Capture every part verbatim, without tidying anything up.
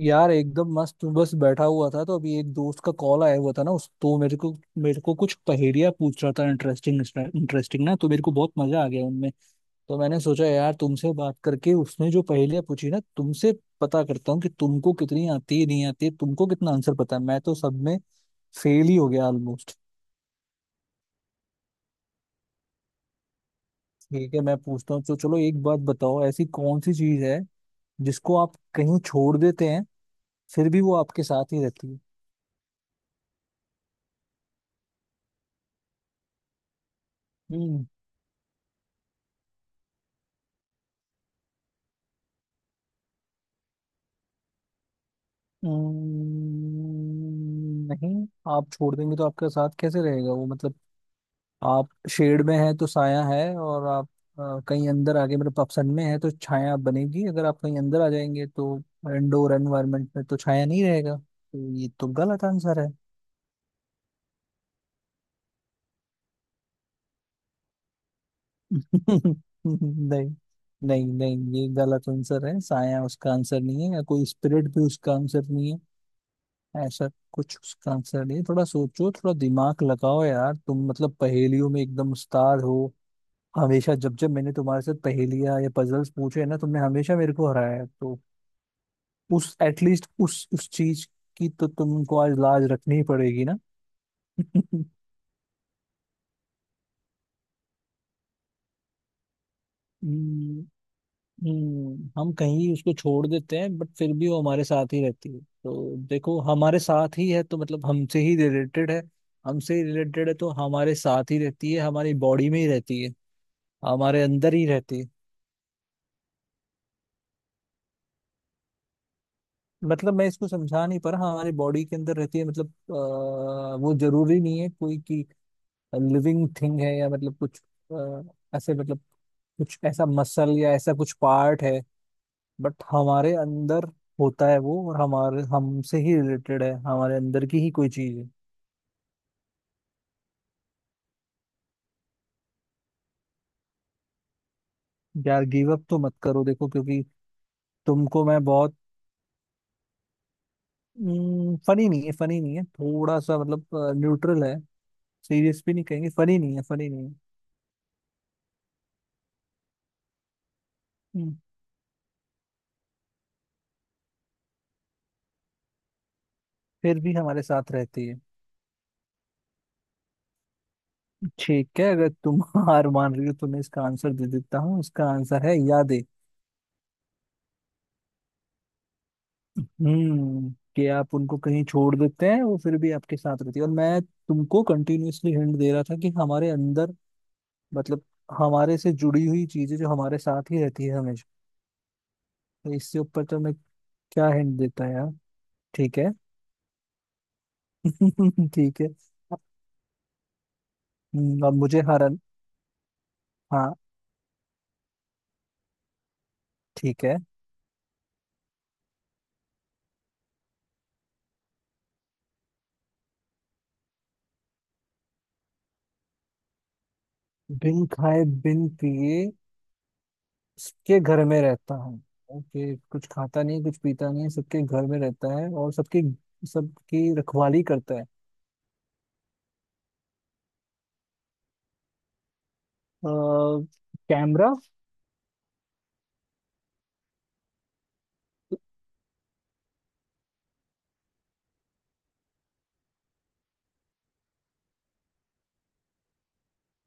यार एकदम मस्त हूँ, बस बैठा हुआ था तो अभी एक दोस्त का कॉल आया हुआ था ना। उस तो मेरे को मेरे को कुछ पहेलियाँ पूछ रहा था। इंटरेस्टिंग इंटरेस्टिंग ना, तो मेरे को बहुत मजा आ गया उनमें। तो मैंने सोचा यार तुमसे बात करके उसने जो पहेलियाँ पूछी ना तुमसे पता करता हूँ कि तुमको कितनी आती है, नहीं आती है, तुमको कितना आंसर पता है। मैं तो सब में फेल ही हो गया ऑलमोस्ट। ठीक है, मैं पूछता हूँ तो चलो एक बात बताओ, ऐसी कौन सी चीज है जिसको आप कहीं छोड़ देते हैं फिर भी वो आपके साथ ही रहती है। हम्म। हम्म, नहीं। आप छोड़ देंगे तो आपके साथ कैसे रहेगा वो, मतलब आप शेड में हैं तो साया है, और आप अ, कहीं अंदर आगे, मतलब आप सन में है तो छाया बनेगी, अगर आप कहीं अंदर आ जाएंगे तो इंडोर एनवायरनमेंट में तो छाया नहीं रहेगा, तो ये तो गलत आंसर है। नहीं। नहीं नहीं, ये गलत आंसर है। साया उसका आंसर नहीं है, या कोई स्पिरिट भी उसका आंसर नहीं है। ऐसा कुछ उसका आंसर नहीं है। थोड़ा सोचो, थोड़ा दिमाग लगाओ यार, तुम मतलब पहेलियों में एकदम उस्ताद हो। हमेशा जब जब मैंने तुम्हारे साथ पहेलियां या पजल्स पूछे हैं ना, तुमने हमेशा मेरे को हराया है, तो उस एटलीस्ट उस उस चीज की तो तुमको आज लाज रखनी ही पड़ेगी ना। हम्म। हम्म, हम कहीं उसको छोड़ देते हैं बट फिर भी वो हमारे साथ ही रहती है, तो देखो हमारे साथ ही है तो मतलब हमसे ही रिलेटेड है। हमसे ही रिलेटेड है तो हमारे साथ ही रहती है, हमारी बॉडी में ही रहती है, हमारे अंदर ही रहती है। मतलब मैं इसको समझा नहीं पा रहा। हमारी बॉडी के अंदर रहती है, मतलब अ, वो जरूरी नहीं है कोई की लिविंग थिंग है, या मतलब कुछ अ, ऐसे, मतलब कुछ ऐसा मसल या ऐसा कुछ पार्ट है बट हमारे अंदर होता है वो, और हमारे हमसे ही रिलेटेड है, हमारे अंदर की ही कोई चीज है। यार गिव अप तो मत करो, देखो क्योंकि तुमको मैं बहुत, फनी नहीं है, फनी नहीं है, थोड़ा सा मतलब न्यूट्रल है। सीरियस भी नहीं कहेंगे, फनी नहीं है, फनी नहीं है। हम्म। फिर भी हमारे साथ रहती है। ठीक है, अगर तुम हार मान रही हो तो मैं इसका आंसर दे देता हूँ। इसका आंसर है यादें। हम्म। कि आप उनको कहीं छोड़ देते हैं, वो फिर भी आपके साथ रहती है। और मैं तुमको कंटिन्यूअसली हिंट दे रहा था कि हमारे अंदर, मतलब हमारे से जुड़ी हुई चीजें जो हमारे साथ ही रहती है हमेशा। तो इससे ऊपर तो मैं क्या हिंट देता है यार। ठीक है। ठीक है। हम्म, अब मुझे हरन। हाँ। ठीक है। बिन खाए बिन पिए सबके घर में रहता हूँ। ओके, कुछ खाता नहीं, कुछ पीता नहीं, सबके घर में रहता है और सबकी सबकी रखवाली करता है। अ, कैमरा।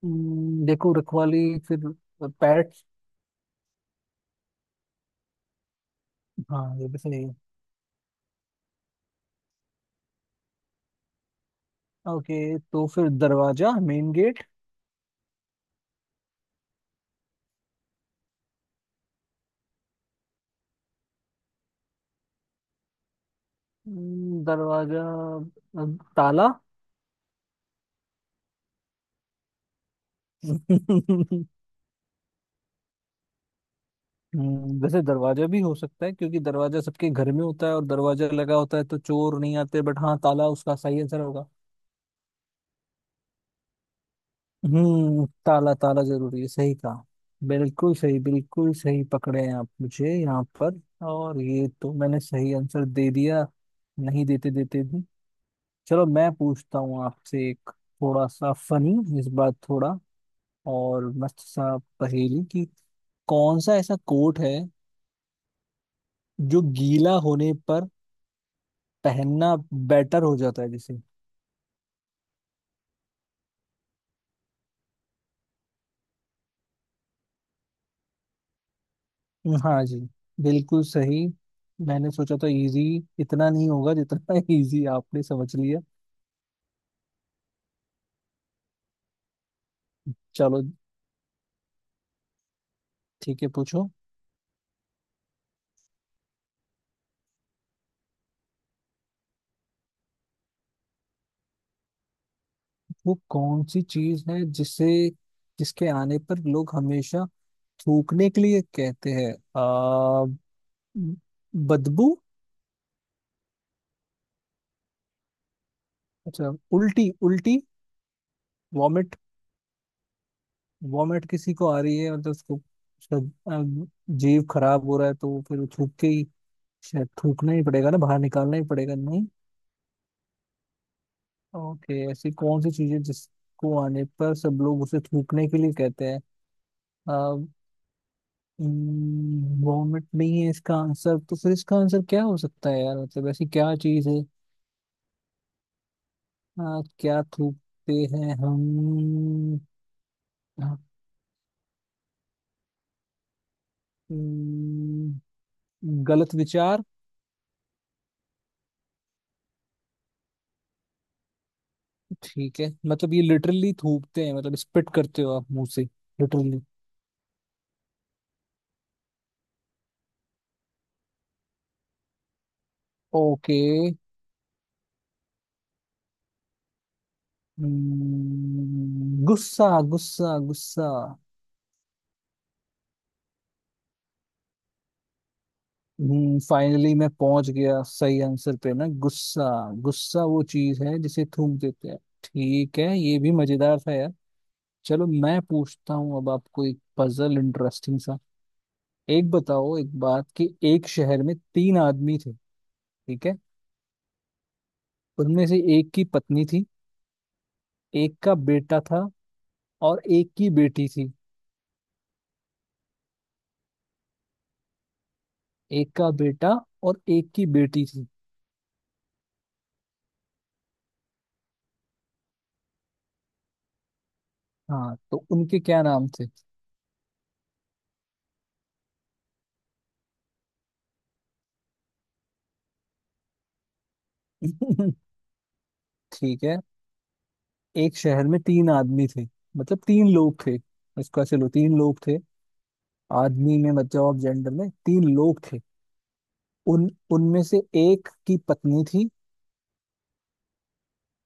हम्म, देखो रखवाली फिर पैट। हाँ, ये भी सही है। ओके, तो फिर दरवाजा, मेन गेट। हम्म, दरवाजा, अ, ताला। हम्म, वैसे दरवाजा भी हो सकता है क्योंकि दरवाजा सबके घर में होता है, और दरवाजा लगा होता है तो चोर नहीं आते, बट हाँ ताला उसका सही आंसर होगा। हम्म, ताला ताला जरूरी है, सही कहा। बिल्कुल सही, बिल्कुल सही पकड़े हैं आप मुझे यहाँ पर। और ये तो मैंने सही आंसर दे दिया, नहीं देते देते भी। चलो, मैं पूछता हूँ आपसे एक थोड़ा सा फनी, इस बार थोड़ा और मस्त सा पहेली कि कौन सा ऐसा कोट है जो गीला होने पर पहनना बेटर हो जाता है जैसे। हाँ जी, बिल्कुल सही। मैंने सोचा था इजी इतना नहीं होगा, जितना इजी आपने समझ लिया। चलो ठीक है, पूछो। वो कौन सी चीज है जिसे, जिसके आने पर लोग हमेशा थूकने के लिए कहते हैं। आ, बदबू। अच्छा, उल्टी, उल्टी, वॉमिट। वॉमिट किसी को आ रही है मतलब उसको, उसका अ, जीव खराब हो रहा है, तो वो फिर थूक के ही, शायद थूकना ही पड़ेगा ना, बाहर निकालना ही पड़ेगा नहीं। ओके, ऐसी कौन सी चीज है जिसको आने पर सब लोग उसे थूकने के लिए कहते हैं। वॉमिट नहीं है इसका आंसर, तो फिर इसका आंसर क्या हो सकता है यार, मतलब ऐसी क्या चीज है। आ, क्या थूकते हैं हम। आ, हम्म, गलत विचार। ठीक है, मतलब ये लिटरली थूकते हैं, मतलब स्पिट करते हो आप मुंह से, लिटरली। ओके, गुस्सा, गुस्सा, गुस्सा। हम्म, फाइनली मैं पहुंच गया सही आंसर पे ना, गुस्सा। गुस्सा वो चीज है जिसे थूक देते हैं। ठीक है, ये भी मजेदार था यार। चलो मैं पूछता हूँ अब आपको एक पजल इंटरेस्टिंग सा। एक बताओ एक बात कि एक शहर में तीन आदमी थे, ठीक है। उनमें से एक की पत्नी थी, एक का बेटा था, और एक की बेटी थी। एक का बेटा और एक की बेटी थी। हाँ, तो उनके क्या नाम थे। ठीक है, एक शहर में तीन आदमी थे, मतलब तीन लोग थे, इसका चलो तीन लोग थे। आदमी में मतलब आप जेंडर में तीन लोग थे। उन उनमें से एक की पत्नी थी।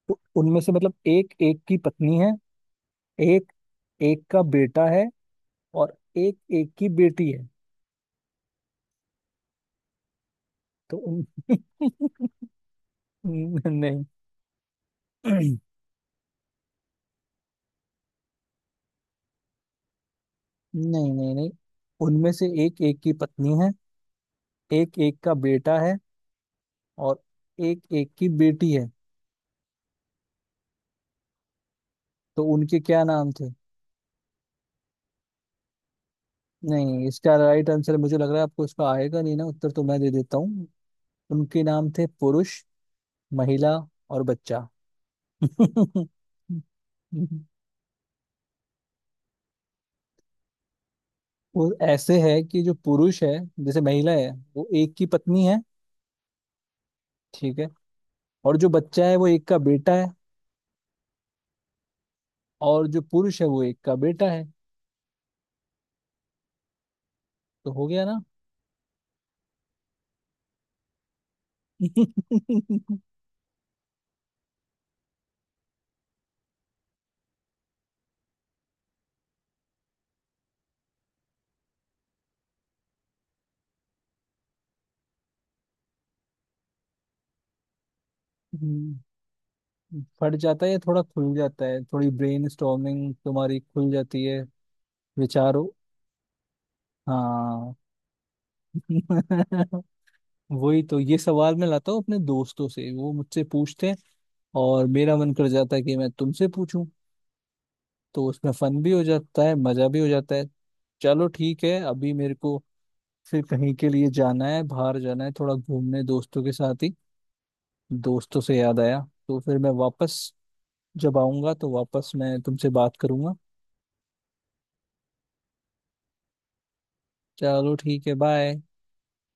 तो उनमें से मतलब एक एक की पत्नी है, एक एक का बेटा है, और एक एक की बेटी है। तो उन, नहीं। नहीं, नहीं नहीं, उनमें से एक एक की पत्नी है, एक एक का बेटा है, और एक एक की बेटी है। तो उनके क्या नाम थे। नहीं, इसका राइट आंसर मुझे लग रहा है आपको इसका आएगा नहीं ना, उत्तर तो मैं दे देता हूँ। उनके नाम थे पुरुष, महिला, और बच्चा। वो ऐसे है कि जो पुरुष है, जैसे महिला है, वो एक की पत्नी है, ठीक है। और जो बच्चा है वो एक का बेटा है। और जो पुरुष है वो एक का बेटा है। तो हो गया ना। हम्म। फट जाता है या थोड़ा खुल जाता है, थोड़ी ब्रेन स्टॉर्मिंग तुम्हारी खुल जाती है, विचारों। हाँ। वही तो ये सवाल मैं लाता हूँ, अपने दोस्तों से वो मुझसे पूछते हैं, और मेरा मन कर जाता है कि मैं तुमसे पूछूं, तो उसमें फन भी हो जाता है, मजा भी हो जाता है। चलो ठीक है, अभी मेरे को फिर कहीं के लिए जाना है, बाहर जाना है थोड़ा घूमने दोस्तों के साथ ही। दोस्तों से याद आया, तो फिर मैं वापस जब आऊंगा तो वापस मैं तुमसे बात करूंगा। चलो ठीक है, बाय।